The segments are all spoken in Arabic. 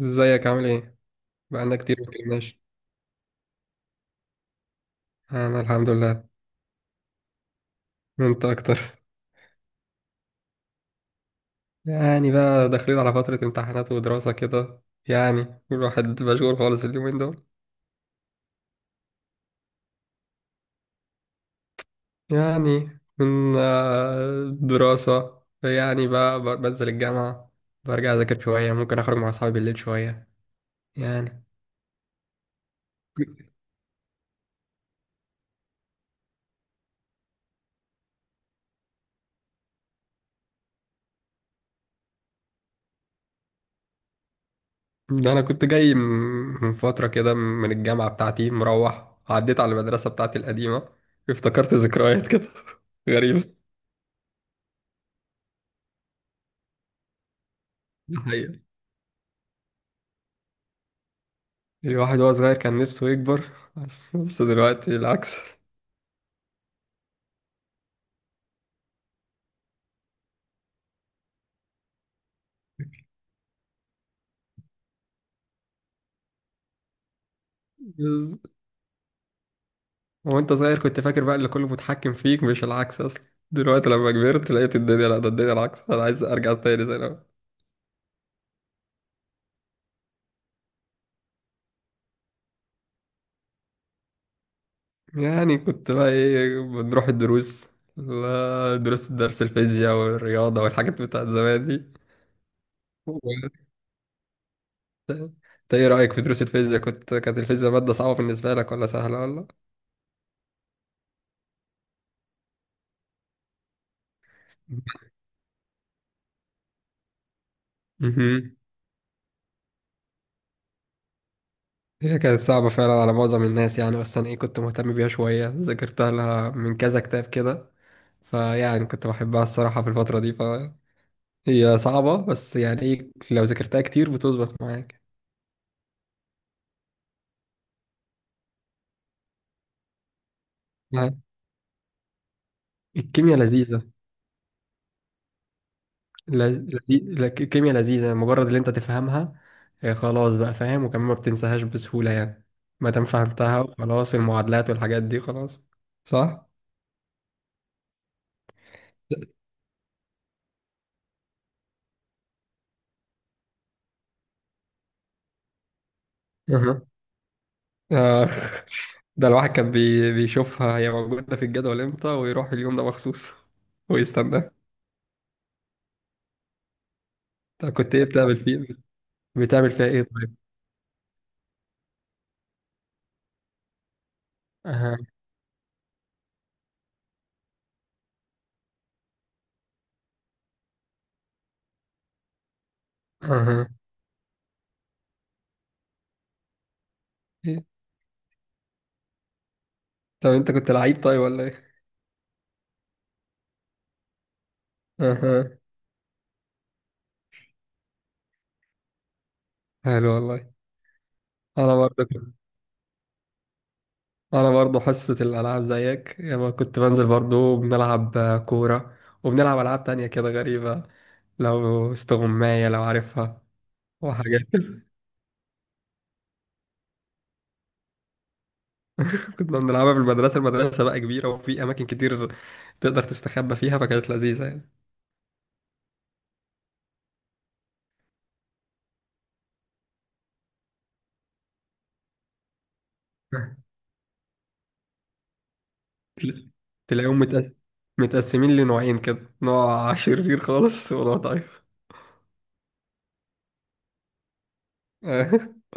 ازيك عامل ايه؟ بقالنا كتير ما اتكلمناش. انا الحمد لله. انت اكتر. يعني بقى داخلين على فترة امتحانات ودراسة كده. يعني الواحد مشغول خالص اليومين دول. يعني من دراسة. يعني بقى بنزل الجامعة. برجع اذاكر شوية، ممكن اخرج مع اصحابي بالليل شوية. يعني. ده انا كنت جاي من فترة كده من الجامعة بتاعتي، مروح عديت على المدرسة بتاعتي القديمة. افتكرت ذكريات كده. غريبة. ده حقيقة. الواحد وهو صغير كان نفسه يكبر. بس دلوقتي العكس. بس- وانت صغير كنت فاكر بقى اللي كله متحكم فيك، مش العكس اصلا. دلوقتي لما كبرت لقيت الدنيا، لا ده الدنيا العكس. انا عايز ارجع تاني زي الاول. يعني كنت بقى ايه؟ بنروح الدروس. لا دروس درس الفيزياء والرياضة والحاجات بتاعت زمان دي. و- انت ايه رأيك في دروس الفيزياء؟ كانت الفيزياء مادة صعبة بالنسبة لك ولا سهلة ولا مهم. هي كانت صعبة فعلا على معظم الناس يعني. بس أنا إيه كنت مهتم بيها شوية، ذاكرتها لها من كذا كتاب كده. فيعني كنت بحبها الصراحة في الفترة دي. فهي صعبة، بس يعني إيه، لو ذاكرتها كتير بتظبط معاك. آه. الكيمياء لذيذة. الكيمياء لذيذة مجرد اللي أنت تفهمها. خلاص بقى فاهم، وكمان ما بتنساهاش بسهولة يعني. ما دام فهمتها وخلاص، المعادلات والحاجات دي خلاص. صح؟ أها. آه. ده الواحد كان بيشوفها هي موجودة في الجدول امتى، ويروح اليوم ده مخصوص ويستنى. طب كنت ايه بتعمل فيها ايه طيب؟ اها. اها. إيه؟ طب انت كنت لعيب طيب ولا ايه؟ اها. حلو والله. انا برضه كنت- انا برضه حصة الالعاب زيك. يعني كنت بنزل برضه بنلعب كورة، وبنلعب العاب تانية كده غريبة. لو استغماية، لو عارفها، وحاجات كده. كنا بنلعبها في المدرسة. المدرسة بقى كبيرة، وفي أماكن كتير تقدر تستخبى فيها، فكانت لذيذة يعني. تل- تلاقيهم متقسمين لنوعين كده: نوع شرير خالص ونوع ضعيف.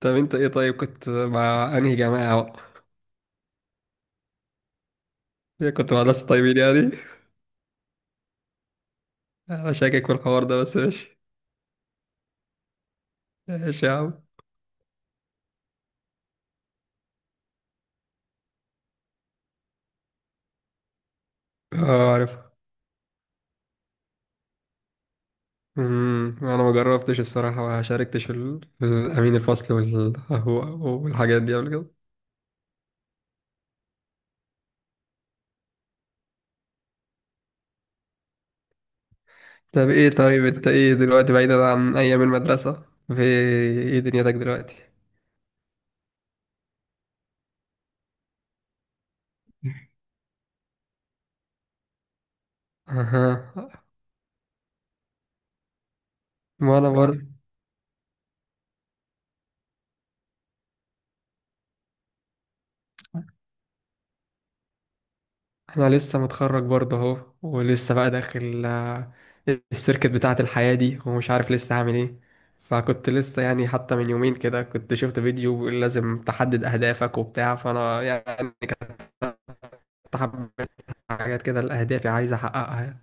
طب انت ايه طيب، كنت مع انهي جماعة بقى؟ ايه، كنت مع ناس طيبين يعني؟ انا شاكك في الحوار ده، بس ماشي. ماشي يا عم. اه عارف. انا ما جربتش الصراحة، ما شاركتش في الامين الفصل والحاجات دي قبل كده. طب ايه طيب، انت ايه دلوقتي بعيدا عن ايام المدرسة؟ في ايه دنيتك دلوقتي؟ اها. وانا برضه. انا لسه متخرج برضه اهو، ولسه بقى داخل السيركت بتاعة الحياة دي، ومش عارف لسه هعمل ايه. فكنت لسه يعني، حتى من يومين كده كنت شفت فيديو بيقول لازم تحدد اهدافك وبتاع، فانا يعني حبيت حاجات كده، الاهداف عايز احققها يعني.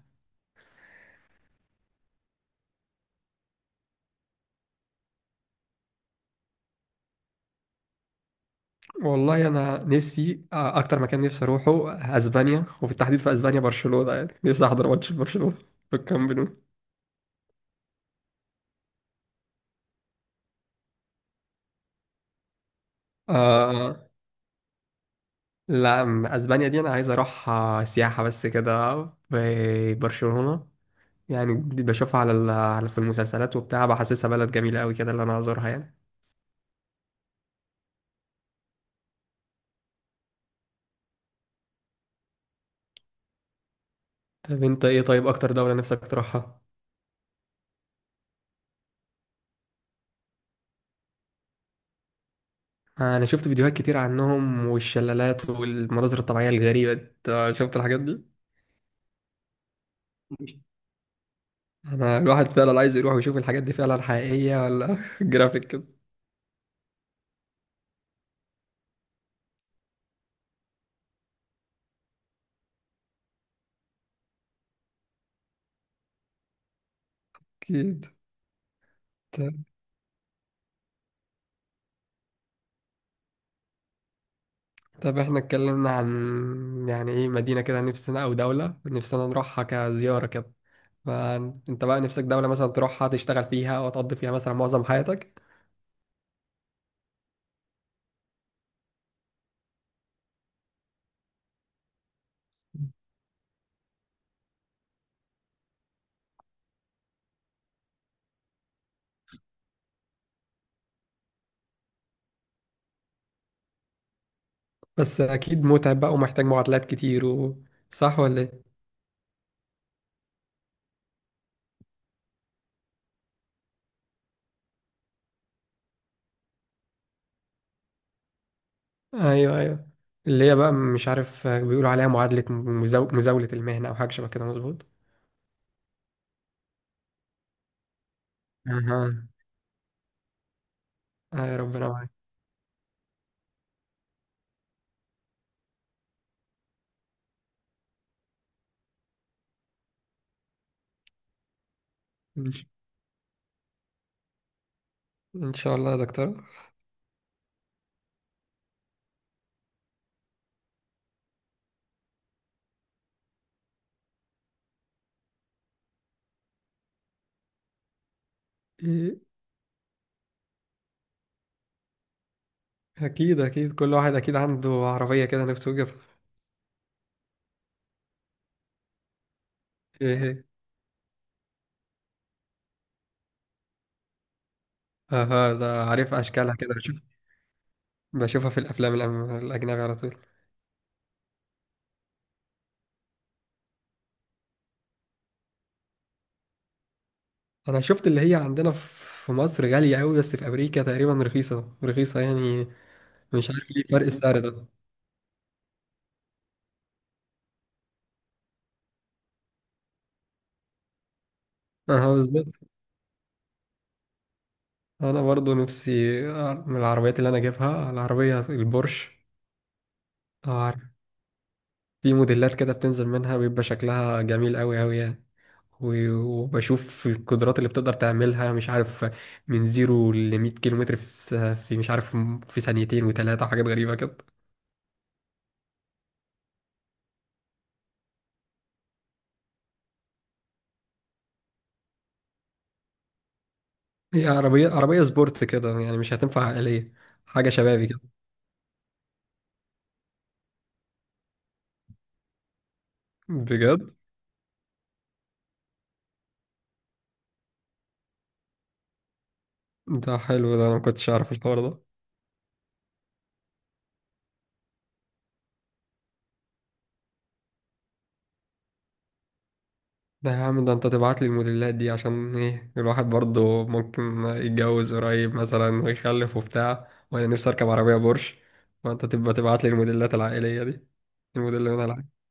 والله انا نفسي اكتر مكان نفسي اروحه اسبانيا، وبالتحديد في اسبانيا برشلونة. يعني نفسي احضر ماتش برشلونة في الكامب نو. آه لا اسبانيا دي انا عايز اروحها سياحه بس كده، في برشلونه. يعني دي بشوفها على في المسلسلات وبتاع، بحسسها بلد جميله قوي كده اللي انا ازورها يعني. طب انت ايه طيب، اكتر دوله نفسك تروحها؟ انا شفت فيديوهات كتير عنهم، والشلالات والمناظر الطبيعيه الغريبه دي. أنت شفت الحاجات دي؟ انا الواحد فعلا عايز يروح ويشوف الحاجات دي فعلا حقيقيه، ولا جرافيك كده. اكيد. طب طب احنا اتكلمنا عن يعني ايه مدينه كده نفسنا، او دوله نفسنا نروحها كزياره كده. فانت بقى نفسك دولة مثلا تروحها، تشتغل فيها وتقضي فيها مثلا معظم حياتك. بس اكيد متعب بقى، ومحتاج معادلات كتير صح ولا ايه؟ ايوه ايوه، اللي هي بقى مش عارف بيقولوا عليها معادلة مزاولة المهنة او حاجة شبه كده، مظبوط. اها. آه ربنا معاك. ان ش- إن شاء الله يا دكتور. إيه، اكيد اكيد كل واحد اكيد عنده عربية كده نفسه يجيبها. ايه إيه. اها، ده عارف اشكالها كده، بشوف. بشوفها في الافلام الاجنبي على طول. انا شفت اللي هي عندنا في مصر غالية قوي، بس في امريكا تقريبا رخيصة رخيصة يعني. مش عارف ليه فرق السعر ده. اه بالظبط. انا برضو نفسي من العربيات اللي انا اجيبها العربية البورش. عارف في موديلات كده بتنزل منها، بيبقى شكلها جميل قوي قوي يعني. و- وبشوف القدرات اللي بتقدر تعملها، مش عارف من زيرو ل 100 كيلو متر في مش عارف، في ثانيتين وثلاثة وحاجات غريبة كده. هي عربية سبورت كده، يعني مش هتنفع عائلية، حاجة شبابي كده. بجد؟ ده حلو، ده انا ما كنتش اعرف الحوار ده. ده يا عم، ده انت تبعت لي الموديلات دي عشان ايه، الواحد برضه ممكن يتجوز قريب مثلا ويخلف وبتاع، وانا نفسي اركب عربية بورش، فانت تبقى تبعت لي الموديلات العائلية دي، الموديل اللي انا العائلي.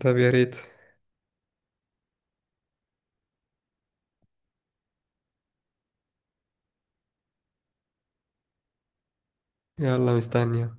طب يا ريت. يلا مستني.